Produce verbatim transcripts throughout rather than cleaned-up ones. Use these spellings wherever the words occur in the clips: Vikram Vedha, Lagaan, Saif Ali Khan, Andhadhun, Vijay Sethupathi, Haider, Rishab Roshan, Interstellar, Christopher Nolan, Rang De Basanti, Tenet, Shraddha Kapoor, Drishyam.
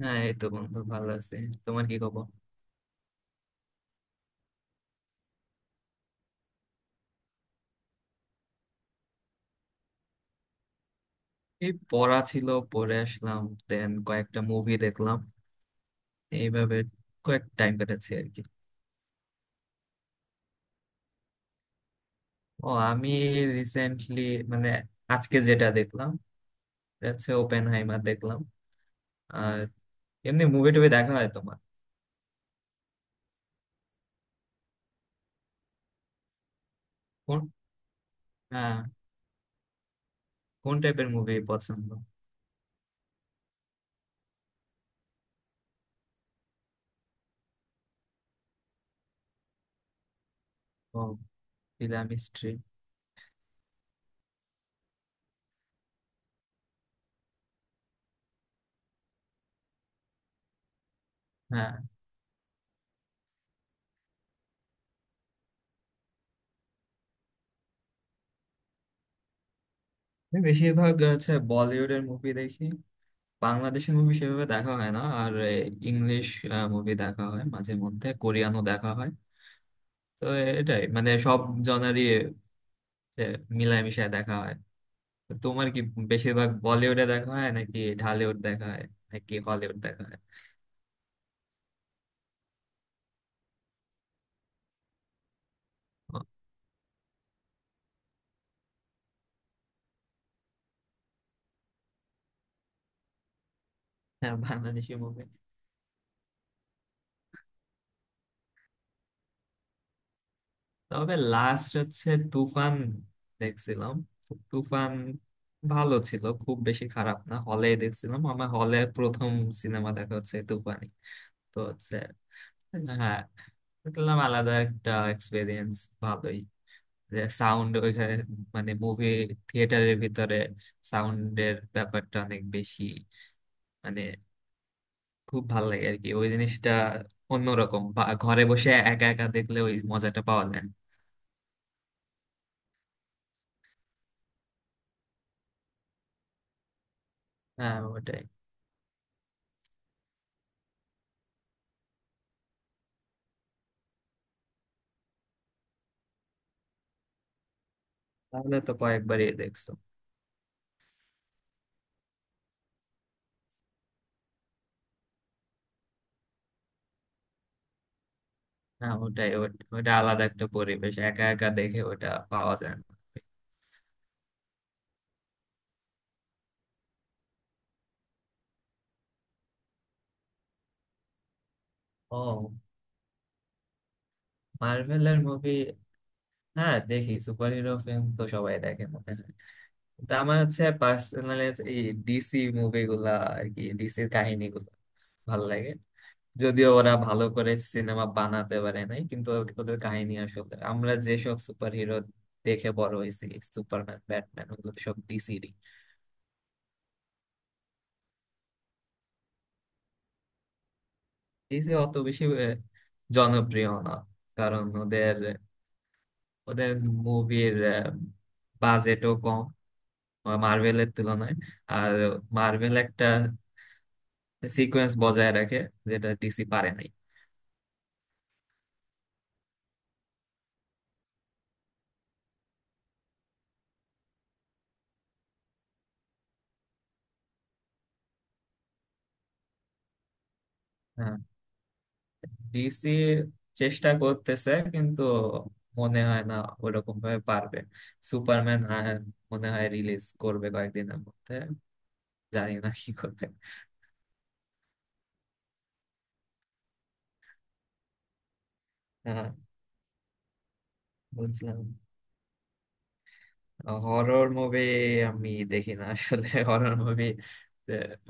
হ্যাঁ, এই তো বন্ধু, ভালো আছি। তোমার কি খবর? এই পড়া ছিল, পড়ে আসলাম। দেন কয়েকটা মুভি দেখলাম, এইভাবে কয়েক টাইম কাটাচ্ছি আর কি। ও, আমি রিসেন্টলি মানে আজকে যেটা দেখলাম, এটা হচ্ছে ওপেন হাইমার দেখলাম। আর এমনি মুভি টুভি দেখা হয় তোমার? কোন, হ্যাঁ, কোন টাইপের মুভি পছন্দ? ও, ফিল্ম হিস্ট্রি। হ্যাঁ, আমি বেশিরভাগ হচ্ছে বলিউডের মুভি দেখি। বাংলাদেশি মুভি সেভাবে দেখা হয় না। আর ইংলিশ মুভি দেখা হয়, মাঝে মধ্যে কোরিয়ানও দেখা হয়। তো এটাই, মানে সব জনারই মিলামিশায় দেখা হয়। তো তোমার কি বেশিরভাগ বলিউডে দেখা হয়, নাকি ঢালিউড দেখা হয়, নাকি হলিউড দেখা হয়? ও, হ্যাঁ, বাংলাদেশি মুভি। তবে লাস্ট হচ্ছে তুফান দেখছিলাম। তো তুফান ভালো ছিল, খুব বেশি খারাপ না, হলে দেখছিলাম। আমার হলে প্রথম সিনেমা দেখা হচ্ছে তুফানি। তো হচ্ছে, হ্যাঁ, দেখলাম আলাদা একটা এক্সপিরিয়েন্স, ভালোই। যে সাউন্ড ওইখানে, মানে মুভি থিয়েটারের ভিতরে সাউন্ডের ব্যাপারটা অনেক বেশি, মানে খুব ভালো লাগে আর কি ওই জিনিসটা। অন্যরকম বা- ঘরে বসে একা একা দেখলে ওই মজাটা পাওয়া যায় না। হ্যাঁ, ওটাই। তাহলে তো কয়েকবারই দেখছো। হ্যাঁ, ওটাই, ওট- ওটা আলাদা একটা পরিবেশ, একা একা দেখে ওটা পাওয়া যায় না। ও, মার্ভেলের মুভি। হ্যাঁ, দেখি। সুপার হিরো ফিল্ম তো সবাই দেখে মনে হয়। তা আমার হচ্ছে পার্সোনালি এই ডিসি মুভিগুলা আর কি, ডিসির কাহিনীগুলো ভালো লাগে। যদিও ওরা ভালো করে সিনেমা বানাতে পারে নাই, কিন্তু ও- ওদের কাহিনী আসলে, আমরা যেসব সুপার হিরো দেখে বড় হয়েছি, সুপারম্যান, ব্যাটম্যান, ওগুলো তো সব ডিসিরই। ডিসি অত বেশি আহ, জনপ্রিয় না, কারণ ওদের ওদের মুভির বাজেটও কম মার্ভেলের তুলনায়। আর মার্ভেল একটা সিকোয়েন্স বজায় রাখে যেটা ডিসি পারে নাই। হ্যাঁ। ডিসি চেষ্টা করতেছে, কিন্তু মনে হয় না ওরকম ভাবে পারবে। সুপারম্যান আ- মনে হয় রিলিজ করবে কয়েকদিনের মধ্যে, জানি না কি করবে। হ্যাঁ, বুঝলাম। হরর মুভি আমি দেখি না আসলে। হরর মুভি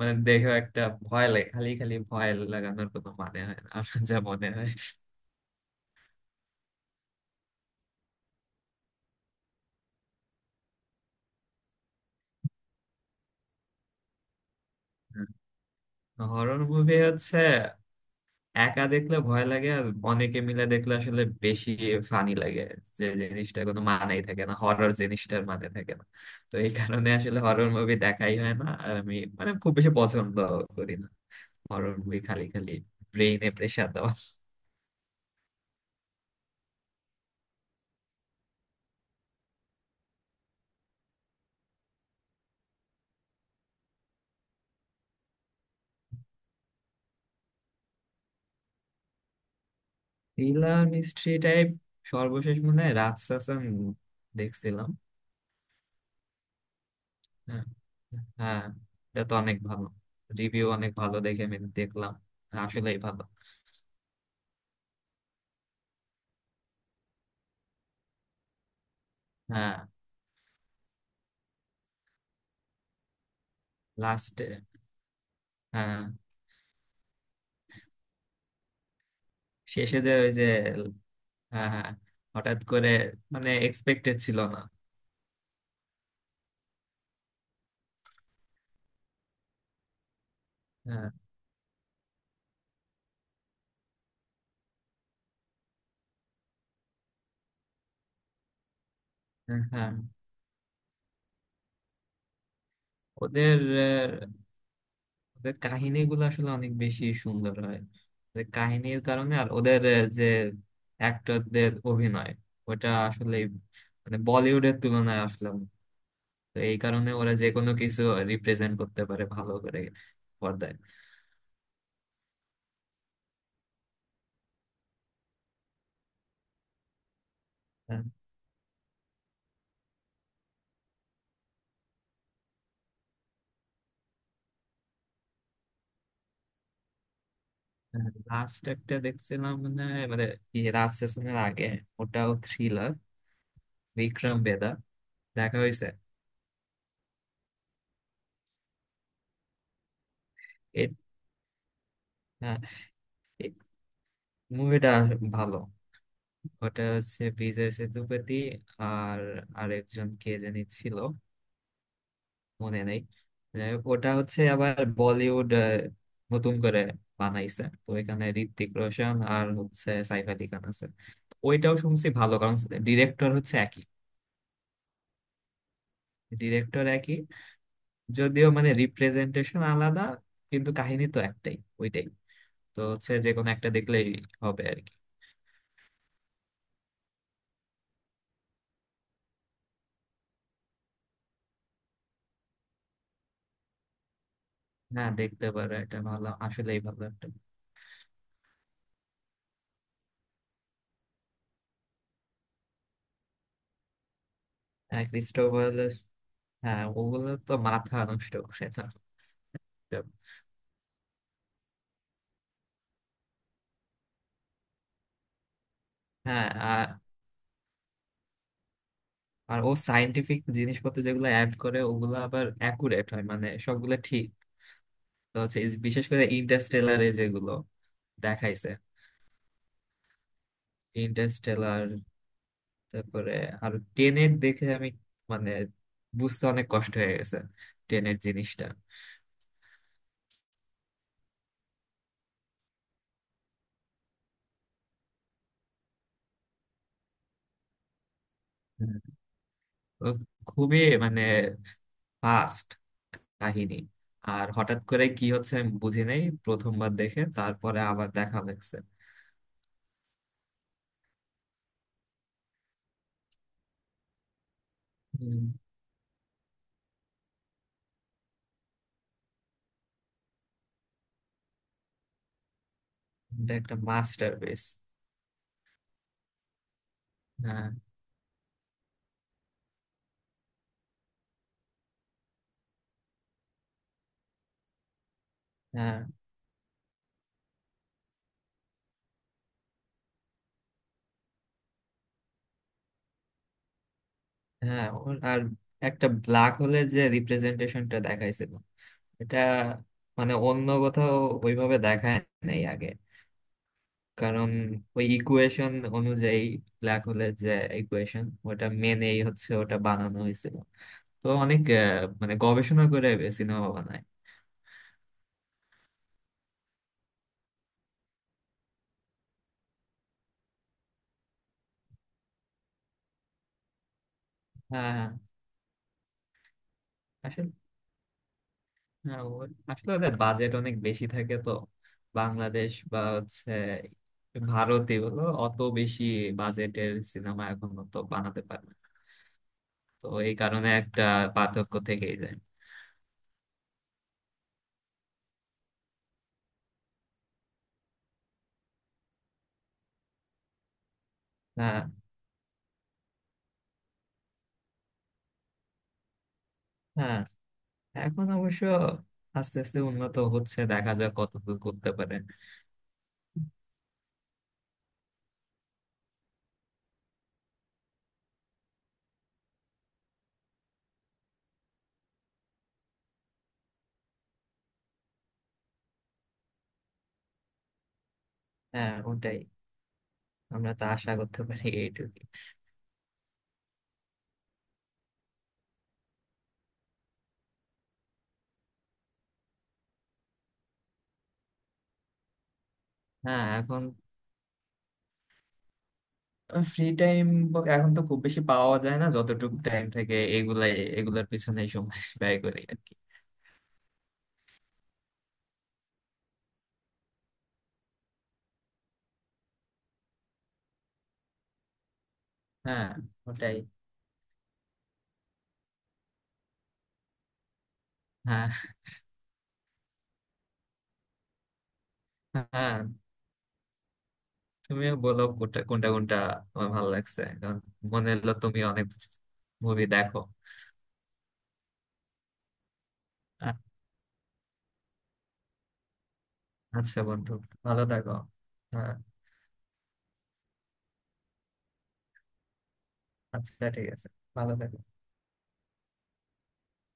মানে দেখে একটা ভয় লাগে, খালি খালি ভয় লাগানোর কোনো মানে হয় না আমার যা মনে হয়। হরর মুভি হচ্ছে একা দেখলে ভয় লাগে, আর অনেকে মিলে দেখলে আসলে বেশি ফানি লাগে, যে জিনিসটা কোনো মানেই থাকে না, হরর জিনিসটার মানে থাকে না। তো এই কারণে আসলে হরর মুভি দেখাই হয় না আর, আমি মানে খুব বেশি পছন্দ করি না হরর মুভি, খালি খালি ব্রেইনে প্রেসার দেওয়া। থ্রিলার মিস্ট্রি টাইপ সর্বশেষ মনে হয় রাজশাসন দেখছিলাম। হ্যাঁ, হ্যাঁ, এটা তো অনেক ভালো, রিভিউ অনেক ভালো দেখে আমি দেখলাম। আসলেই ভালো। হ্যাঁ, লাস্টে। হ্যাঁ, শেষে যে ওই যে, হ্যাঁ, হ্যাঁ, হঠাৎ করে মানে এক্সপেক্টেড ছিল না। হ্যাঁ, হ্যাঁ, হ্যাঁ। ওদের আহ, ওদের কাহিনীগুলো আসলে অনেক বেশি সুন্দর হয়, ওদের কাহিনীর কারণে। আর ওদের আহ, যে অ্যাক্টরদের অভিনয় ওটা আসলে মানে বলিউডের তুলনায় আসলে অনেক। তো এই কারণে ওরা যে কোনো কিছু রিপ্রেজেন্ট করতে পারে ভালো করে পর্দায়। লাস্ট একটা দেখছিলাম, মানে মানে কি, রাজ সেশনের আগে, ওটাও থ্রিলার, বিক্রম বেদা দেখা হয়েছে? এ- হ্যাঁ, মুভিটা ভালো। ওটা হচ্ছে বিজয় সেতুপতি আর আরেকজন কে জানি ছিল, মনে নেই। যাই হোক, ওটা হচ্ছে আবার বলিউড আহ, নতুন করে বানাইছে, তো এখানে ঋত্বিক রোশন আর হচ্ছে সাইফ আলি খান আছে। ওইটাও শুনছি ভালো, কারণ ডিরেক্টর হচ্ছে একই, ডিরেক্টর একই। যদিও মানে রিপ্রেজেন্টেশন আলাদা, কিন্তু কাহিনী তো একটাই। ওইটাই। তো হচ্ছে যে কোনো একটা দেখলেই হবে আর কি। হ্যাঁ, দেখতে পারো, এটা ভালো, আসলেই ভালো একটা। হ্যাঁ, ক্রিস্টোফার। হ্যাঁ, ওগুলো তো মাথা নষ্ট করে না। হ্যাঁ। আর আর ও সাইন্টিফিক জিনিসপত্র যেগুলো অ্যাড করে ওগুলো আবার অ্যাকুরেট হয়, মানে সবগুলো ঠিক। তো হচ্ছে এই, বিশেষ করে ইন্টারস্টেলারে যেগুলো দেখাইছে, ইন্টারস্টেলার, তারপরে আর টেনেট দেখে আমি মানে বুঝতে অনেক কষ্ট হয়ে গেছে, টেনেট জিনিসটা। হুম। ও, খুবই মানে ফাস্ট কাহিনী, আর হঠাৎ করে কি হচ্ছে আমি বুঝি নাই প্রথমবার দেখে, তারপরে আবার দেখা লাগছে। এটা একটা মাস্টার পিস। হ্যাঁ, হ্যাঁ, হ্যাঁ, ওর- আর একটা ব্ল্যাক হোলের যে রিপ্রেজেন্টেশনটা দেখাইছিল, এটা মানে অন্য কোথাও ওইভাবে দেখায় নাই আগে। কারণ ওই ইকুয়েশন অনুযায়ী, ব্ল্যাক হোলের যে ইকুয়েশন ওটা মেনেই হচ্ছে ওটা বানানো হয়েছিল। তো অনেক আহ, মানে গবেষণা করে সিনেমা বানায়। হ্যাঁ, হ্যাঁ, ওর- আসলে ওদের বাজেট অনেক বেশি থাকে, তো বাংলাদেশ বা হচ্ছে ভারতে বলো অত বেশি বাজেটের সিনেমা এখন তো বানাতে পারে না। তো এই কারণে একটা পার্থক্য থেকেই যায়। হ্যাঁ, হ্যাঁ, এখন অবশ্য আস্তে আস্তে উন্নত হচ্ছে, দেখা যাক কতদূর করতে পারে। হ্যাঁ, ওটাই। আমরা তা আশা করতে পারি এইটুকু। হ্যাঁ, এখন ফ্রি টাইম এখন তো খুব বেশি পাওয়া যায় না, যতটুকু টাইম থেকে এগুলাই, এগুলার পিছনেই সময় ব্যয় করি আর কি। হ্যাঁ, ওটাই। হ্যাঁ, হ্যাঁ, তুমিও বলো কোনটা কোনটা কোনটা তোমার ভালো লাগছে, কারণ মনে হলো তুমি অনেক মুভি দেখো। আ- আচ্ছা বন্ধু, ভালো থাকো। হ্যাঁ, আচ্ছা, ঠিক আছে। ভালো থাকো।